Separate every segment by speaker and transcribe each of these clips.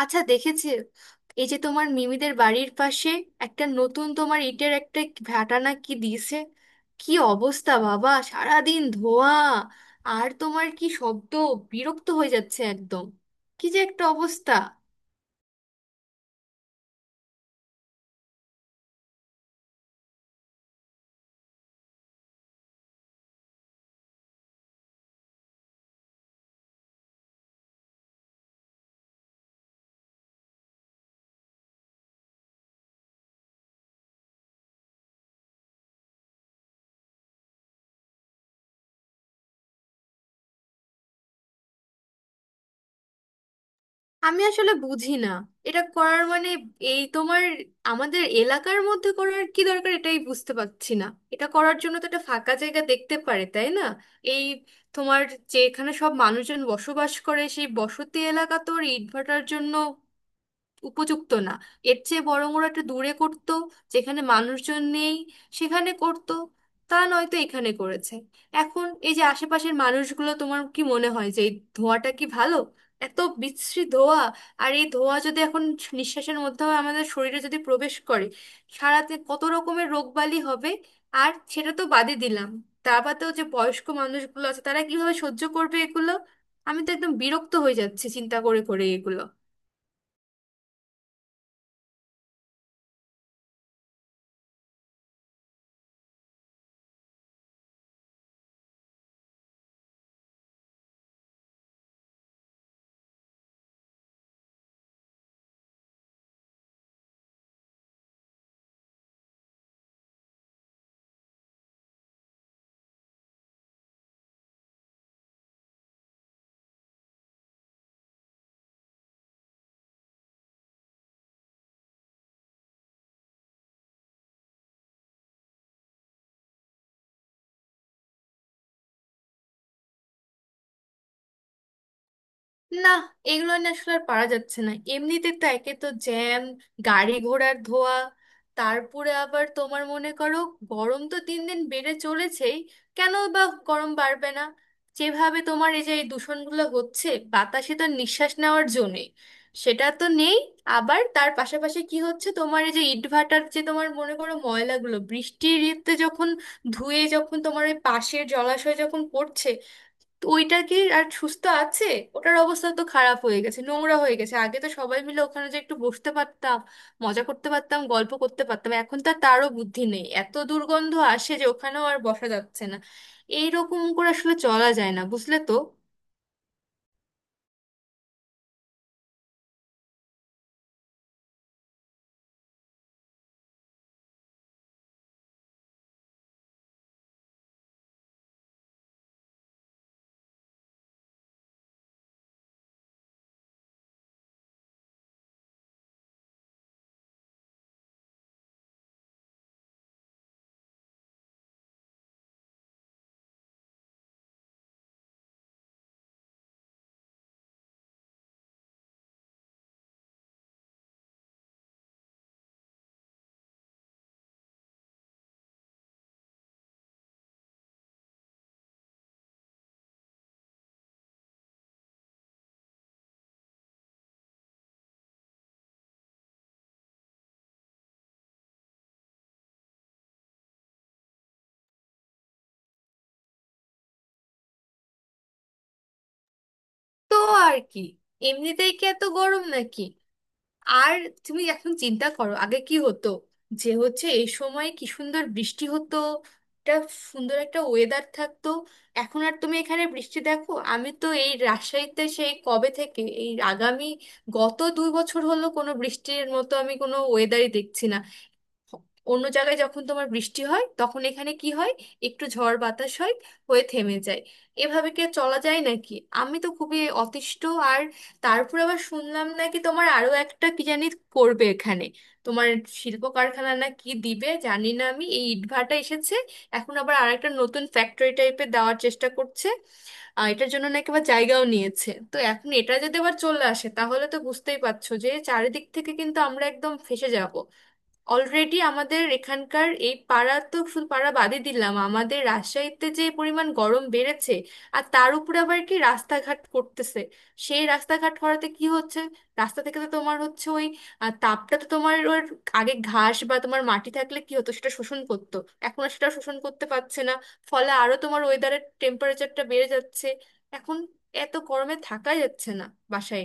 Speaker 1: আচ্ছা দেখেছি। এই যে তোমার মিমিদের বাড়ির পাশে একটা নতুন তোমার ইটের একটা ভাটা না কি দিয়েছে, কি অবস্থা বাবা, সারাদিন ধোয়া আর তোমার কি শব্দ! বিরক্ত হয়ে যাচ্ছে একদম, কি যে একটা অবস্থা। আমি আসলে বুঝি না এটা করার মানে, এই তোমার আমাদের এলাকার মধ্যে করার কি দরকার, এটাই বুঝতে পারছি না। এটা করার জন্য তো একটা ফাঁকা জায়গা দেখতে পারে, তাই না? এই তোমার যেখানে সব মানুষজন বসবাস করে সেই বসতি এলাকা তোর ইটভাটার জন্য উপযুক্ত না। এর চেয়ে বরং ওরা একটা দূরে করতো, যেখানে মানুষজন নেই সেখানে করতো। তা নয়তো এখানে করেছে। এখন এই যে আশেপাশের মানুষগুলো, তোমার কি মনে হয় যে এই ধোঁয়াটা কি ভালো? এত বিশ্রী ধোঁয়া! আর এই ধোঁয়া যদি এখন নিঃশ্বাসের মাধ্যমে আমাদের শরীরে যদি প্রবেশ করে, সারাতে কত রকমের রোগবালি হবে। আর সেটা তো বাদই দিলাম, তার বাদেও যে বয়স্ক মানুষগুলো আছে তারা কিভাবে সহ্য করবে এগুলো। আমি তো একদম বিরক্ত হয়ে যাচ্ছি চিন্তা করে করে এগুলো। না এগুলো না আসলে আর পারা যাচ্ছে না। এমনিতে তো একে তো জ্যাম, গাড়ি ঘোড়ার ধোয়া, তারপরে আবার তোমার মনে করো গরম তো দিন দিন বেড়ে চলেছেই। কেন বা গরম বাড়বে না? যেভাবে তোমার এই যে এই দূষণগুলো হচ্ছে, বাতাসে তো নিঃশ্বাস নেওয়ার জন্যে সেটা তো নেই। আবার তার পাশাপাশি কি হচ্ছে, তোমার এই যে ইটভাটার যে তোমার মনে করো ময়লাগুলো বৃষ্টির ইতে যখন ধুয়ে যখন তোমার ওই পাশের জলাশয় যখন পড়ছে, তো ওইটা কি আর সুস্থ আছে? ওটার অবস্থা তো খারাপ হয়ে গেছে, নোংরা হয়ে গেছে। আগে তো সবাই মিলে ওখানে যে একটু বসতে পারতাম, মজা করতে পারতাম, গল্প করতে পারতাম, এখন তো আর তারও বুদ্ধি নেই, এত দুর্গন্ধ আসে যে ওখানেও আর বসা যাচ্ছে না। এইরকম করে আসলে চলা যায় না, বুঝলে তো? তো আর কি, এমনিতেই কি এত গরম নাকি? আর তুমি এখন চিন্তা করো আগে কি হতো যে হচ্ছে, এই সময় কি সুন্দর বৃষ্টি হতো, একটা সুন্দর একটা ওয়েদার থাকতো। এখন আর তুমি এখানে বৃষ্টি দেখো? আমি তো এই রাজশাহীতে সেই কবে থেকে, এই আগামী গত 2 বছর হলো কোনো বৃষ্টির মতো আমি কোনো ওয়েদারই দেখছি না। অন্য জায়গায় যখন তোমার বৃষ্টি হয় তখন এখানে কি হয়? একটু ঝড় বাতাস হয়, হয়ে থেমে যায়। এভাবে কি আর চলা যায় নাকি? আমি তো খুবই অতিষ্ঠ। আর তারপর আবার শুনলাম নাকি তোমার আরো একটা কি জানি করবে এখানে, তোমার শিল্প কারখানা না কি দিবে জানি না। আমি, এই ইটভাটা এসেছে, এখন আবার আরেকটা নতুন ফ্যাক্টরি টাইপের দেওয়ার চেষ্টা করছে। এটার জন্য নাকি আবার জায়গাও নিয়েছে। তো এখন এটা যদি আবার চলে আসে তাহলে তো বুঝতেই পারছো যে চারিদিক থেকে কিন্তু আমরা একদম ফেঁসে যাব। অলরেডি আমাদের এখানকার এই পাড়া, তো শুধু পাড়া বাদই দিলাম, আমাদের রাজশাহীতে যে পরিমাণ গরম বেড়েছে! আর তার উপরে আবার কি রাস্তাঘাট করতেছে, সেই রাস্তাঘাট করাতে কি হচ্ছে, রাস্তা থেকে তো তোমার হচ্ছে ওই তাপটা তো তোমার ওর, আগে ঘাস বা তোমার মাটি থাকলে কি হতো সেটা শোষণ করতো, এখন আর সেটা শোষণ করতে পারছে না, ফলে আরো তোমার ওয়েদারের টেম্পারেচারটা বেড়ে যাচ্ছে। এখন এত গরমে থাকাই যাচ্ছে না বাসায়।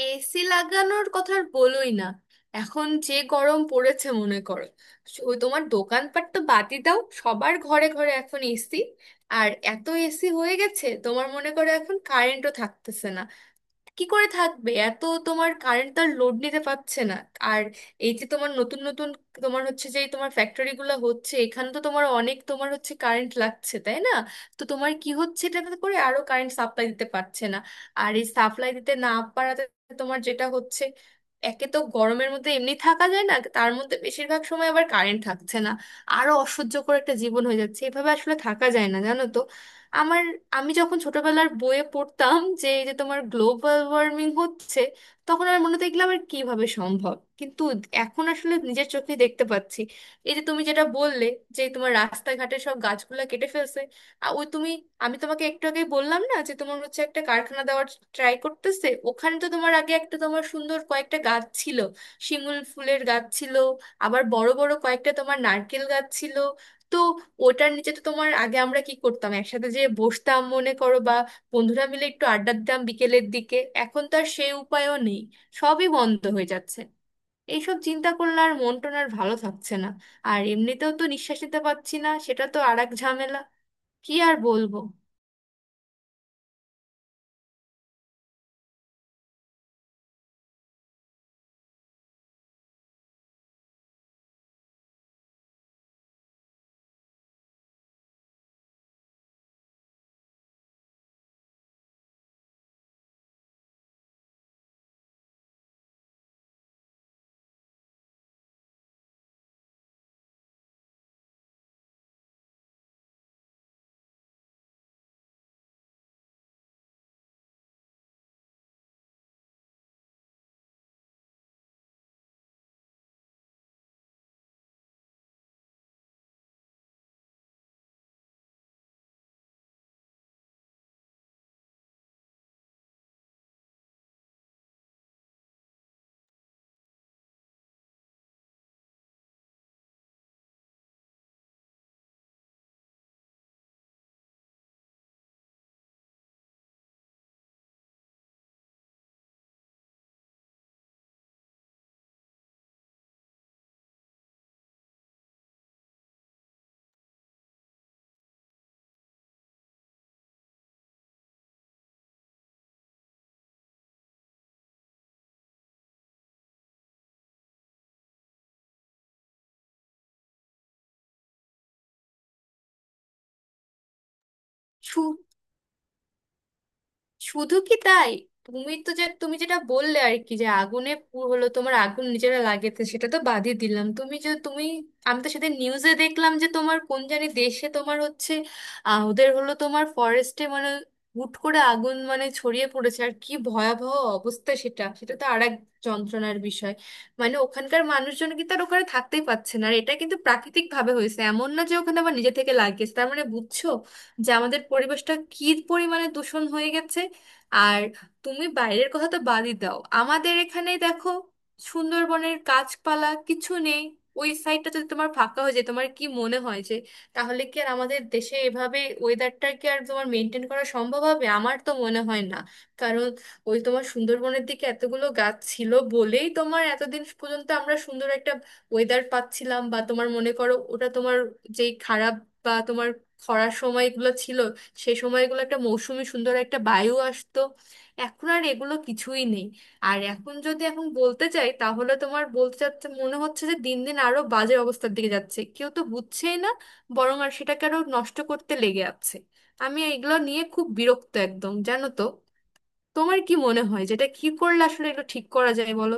Speaker 1: এসি লাগানোর কথা আর বলোই না। এখন যে গরম পড়েছে মনে করো, ওই তোমার দোকানপাট তো বাদই দাও, সবার ঘরে ঘরে এখন এসি। আর এত এসি হয়ে গেছে তোমার মনে করো এখন কারেন্টও থাকতেছে না। কি করে থাকবে? এত তোমার কারেন্ট তার লোড নিতে পারছে না। আর এই যে তোমার নতুন নতুন তোমার হচ্ছে যে তোমার ফ্যাক্টরি গুলো হচ্ছে, এখানে তো তোমার অনেক তোমার হচ্ছে কারেন্ট লাগছে, তাই না? তো তোমার কি হচ্ছে, এটাতে করে আরো কারেন্ট সাপ্লাই দিতে পারছে না। আর এই সাপ্লাই দিতে না পারাতে তোমার যেটা হচ্ছে, একে তো গরমের মধ্যে এমনি থাকা যায় না, তার মধ্যে বেশিরভাগ সময় আবার কারেন্ট থাকছে না। আরো অসহ্যকর একটা জীবন হয়ে যাচ্ছে। এভাবে আসলে থাকা যায় না জানো তো। আমার, আমি যখন ছোটবেলার বইয়ে পড়তাম যে এই যে তোমার গ্লোবাল ওয়ার্মিং হচ্ছে, তখন আমার মনে হতো এগুলো আবার কিভাবে সম্ভব, কিন্তু এখন আসলে নিজের চোখে দেখতে পাচ্ছি। এই যে তুমি যেটা বললে যে তোমার রাস্তাঘাটে সব গাছগুলা কেটে ফেলছে, আর ওই তুমি, আমি তোমাকে একটু আগে বললাম না যে তোমার হচ্ছে একটা কারখানা দেওয়ার ট্রাই করতেছে, ওখানে তো তোমার আগে একটা তোমার সুন্দর কয়েকটা গাছ ছিল, শিমুল ফুলের গাছ ছিল, আবার বড় বড় কয়েকটা তোমার নারকেল গাছ ছিল। তো ওটার নিচে তো তোমার আগে আমরা কি করতাম একসাথে, যে বসতাম মনে করো বা বন্ধুরা মিলে একটু আড্ডা দিতাম বিকেলের দিকে। এখন তো আর সেই উপায়ও নেই, সবই বন্ধ হয়ে যাচ্ছে। এইসব চিন্তা করলে আর মন টন আর ভালো থাকছে না। আর এমনিতেও তো নিঃশ্বাস নিতে পারছি না, সেটা তো আর এক ঝামেলা। কি আর বলবো। শুধু কি তাই? তুমি তো যে তুমি যেটা বললে আর কি, যে আগুনে হলো তোমার আগুন নিজেরা লাগিয়েছে, সেটা তো বাদই দিলাম। তুমি, আমি তো সেদিন নিউজে দেখলাম যে তোমার কোন জানি দেশে তোমার হচ্ছে ওদের হলো তোমার ফরেস্টে মানে হুট করে আগুন মানে ছড়িয়ে পড়েছে, আর কি ভয়াবহ অবস্থা! সেটা সেটা তো আর এক যন্ত্রণার বিষয়। মানে ওখানকার মানুষজন কিন্তু আর ওখানে থাকতেই পারছে না। আর এটা কিন্তু প্রাকৃতিক ভাবে হয়েছে, এমন না যে ওখানে আবার নিজে থেকে লাগিয়েছে। তার মানে বুঝছো যে আমাদের পরিবেশটা কি পরিমাণে দূষণ হয়ে গেছে। আর তুমি বাইরের কথা তো বাদই দাও, আমাদের এখানে দেখো সুন্দরবনের গাছপালা কিছু নেই। ওই সাইডটা যদি তোমার ফাঁকা হয়ে যায়, তোমার কি মনে হয় যে তাহলে কি আর আমাদের দেশে এভাবে ওয়েদারটা কি আর তোমার মেনটেন করা সম্ভব হবে? আমার তো মনে হয় না। কারণ ওই তোমার সুন্দরবনের দিকে এতগুলো গাছ ছিল বলেই তোমার এতদিন পর্যন্ত আমরা সুন্দর একটা ওয়েদার পাচ্ছিলাম, বা তোমার মনে করো ওটা তোমার যেই খারাপ বা তোমার খরার সময়গুলো ছিল, সে সময়গুলো একটা মৌসুমি সুন্দর একটা বায়ু আসতো। এখন আর এগুলো কিছুই নেই। আর এখন যদি এখন বলতে চাই, তাহলে তোমার বলতে চাচ্ছে মনে হচ্ছে যে দিন দিন আরো বাজে অবস্থার দিকে যাচ্ছে, কেউ তো বুঝছেই না, বরং আর সেটাকে আরো নষ্ট করতে লেগে আছে। আমি এগুলো নিয়ে খুব বিরক্ত একদম, জানো তো। তোমার কি মনে হয়, যেটা কি করলে আসলে এগুলো ঠিক করা যায় বলো?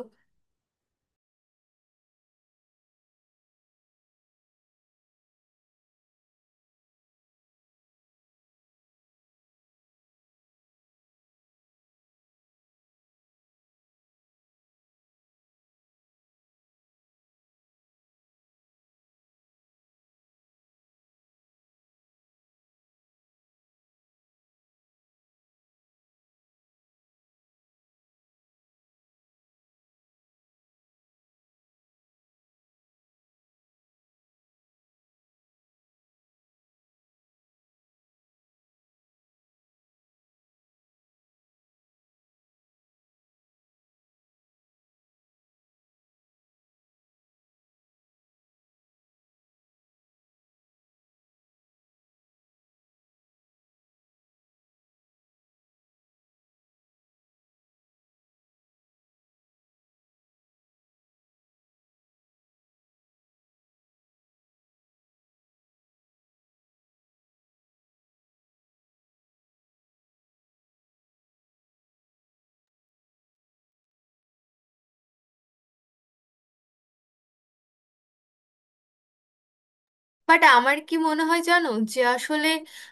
Speaker 1: বাট আমার কি মনে হয় জানো, যে আসলে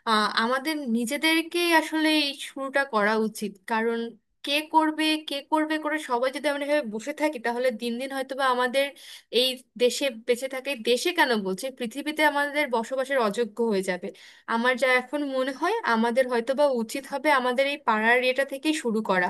Speaker 1: আমাদের নিজেদেরকেই আসলে এই শুরুটা করা উচিত। কারণ কে করবে কে করবে করে সবাই যদি আমরা এভাবে বসে থাকি, তাহলে দিন দিন হয়তোবা আমাদের এই দেশে বেঁচে থাকে, দেশে কেন বলছে, পৃথিবীতে আমাদের বসবাসের অযোগ্য হয়ে যাবে। আমার যা এখন মনে হয়, আমাদের হয়তোবা উচিত হবে আমাদের এই পাড়ার এটা থেকেই শুরু করা।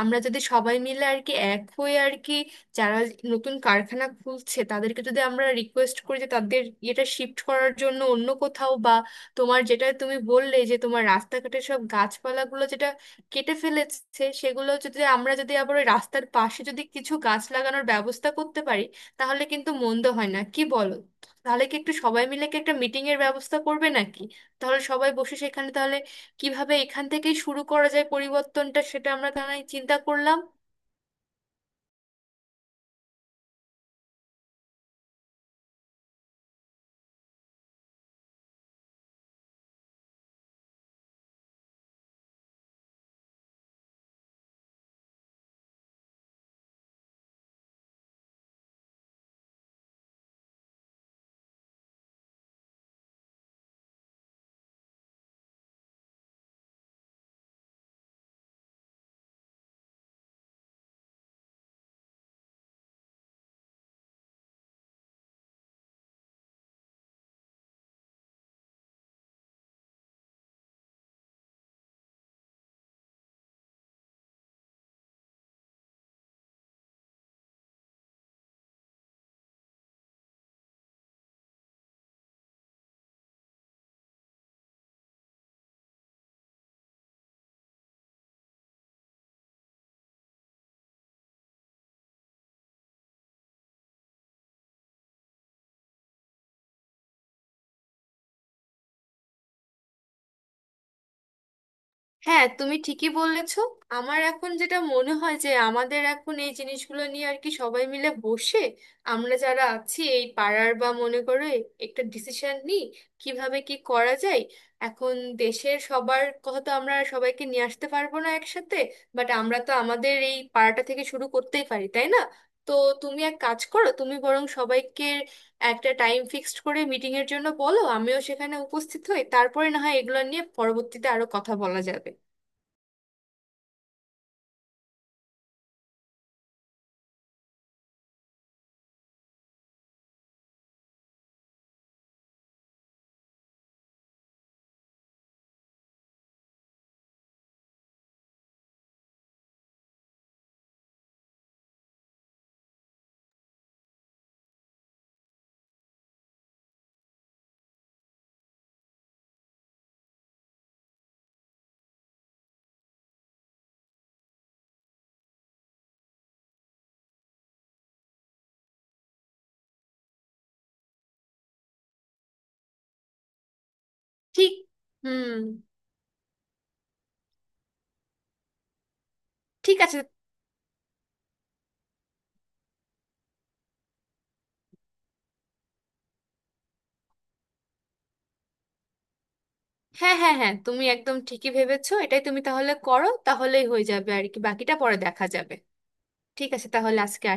Speaker 1: আমরা যদি সবাই মিলে আর কি এক হয়ে আর কি, যারা নতুন কারখানা খুলছে তাদেরকে যদি আমরা রিকোয়েস্ট করি যে তাদের এটা শিফট করার জন্য অন্য কোথাও, বা তোমার যেটা তুমি বললে যে তোমার রাস্তাঘাটের সব গাছপালাগুলো যেটা কেটে ফেলেছে, সেগুলো যদি আমরা যদি আবার ওই রাস্তার পাশে যদি কিছু গাছ লাগানোর ব্যবস্থা করতে পারি, তাহলে কিন্তু মন্দ হয় না, কি বলো? তাহলে কি একটু সবাই মিলে কি একটা মিটিং এর ব্যবস্থা করবে নাকি? তাহলে সবাই বসে সেখানে, তাহলে কিভাবে এখান থেকেই শুরু করা যায় পরিবর্তনটা, সেটা আমরা তাহলে চিন্তা করলাম। হ্যাঁ, তুমি ঠিকই বলেছ। আমার এখন যেটা মনে হয় যে আমাদের এখন এই জিনিসগুলো নিয়ে আর কি সবাই মিলে বসে, আমরা যারা আছি এই পাড়ার বা মনে করে, একটা ডিসিশন নিই কিভাবে কি করা যায়। এখন দেশের সবার কথা তো আমরা সবাইকে নিয়ে আসতে পারবো না একসাথে, বাট আমরা তো আমাদের এই পাড়াটা থেকে শুরু করতেই পারি, তাই না? তো তুমি এক কাজ করো, তুমি বরং সবাইকে একটা টাইম ফিক্সড করে মিটিং এর জন্য বলো, আমিও সেখানে উপস্থিত হই, তারপরে না হয় এগুলো নিয়ে পরবর্তীতে আরো কথা বলা যাবে। ঠিক। হুম। ঠিক আছে। হ্যাঁ, হ্যাঁ, হ্যাঁ, তুমি একদম ঠিকই ভেবেছো, এটাই তুমি তাহলে করো, তাহলেই হয়ে যাবে আর কি, বাকিটা পরে দেখা যাবে। ঠিক আছে, তাহলে আজকে আসি।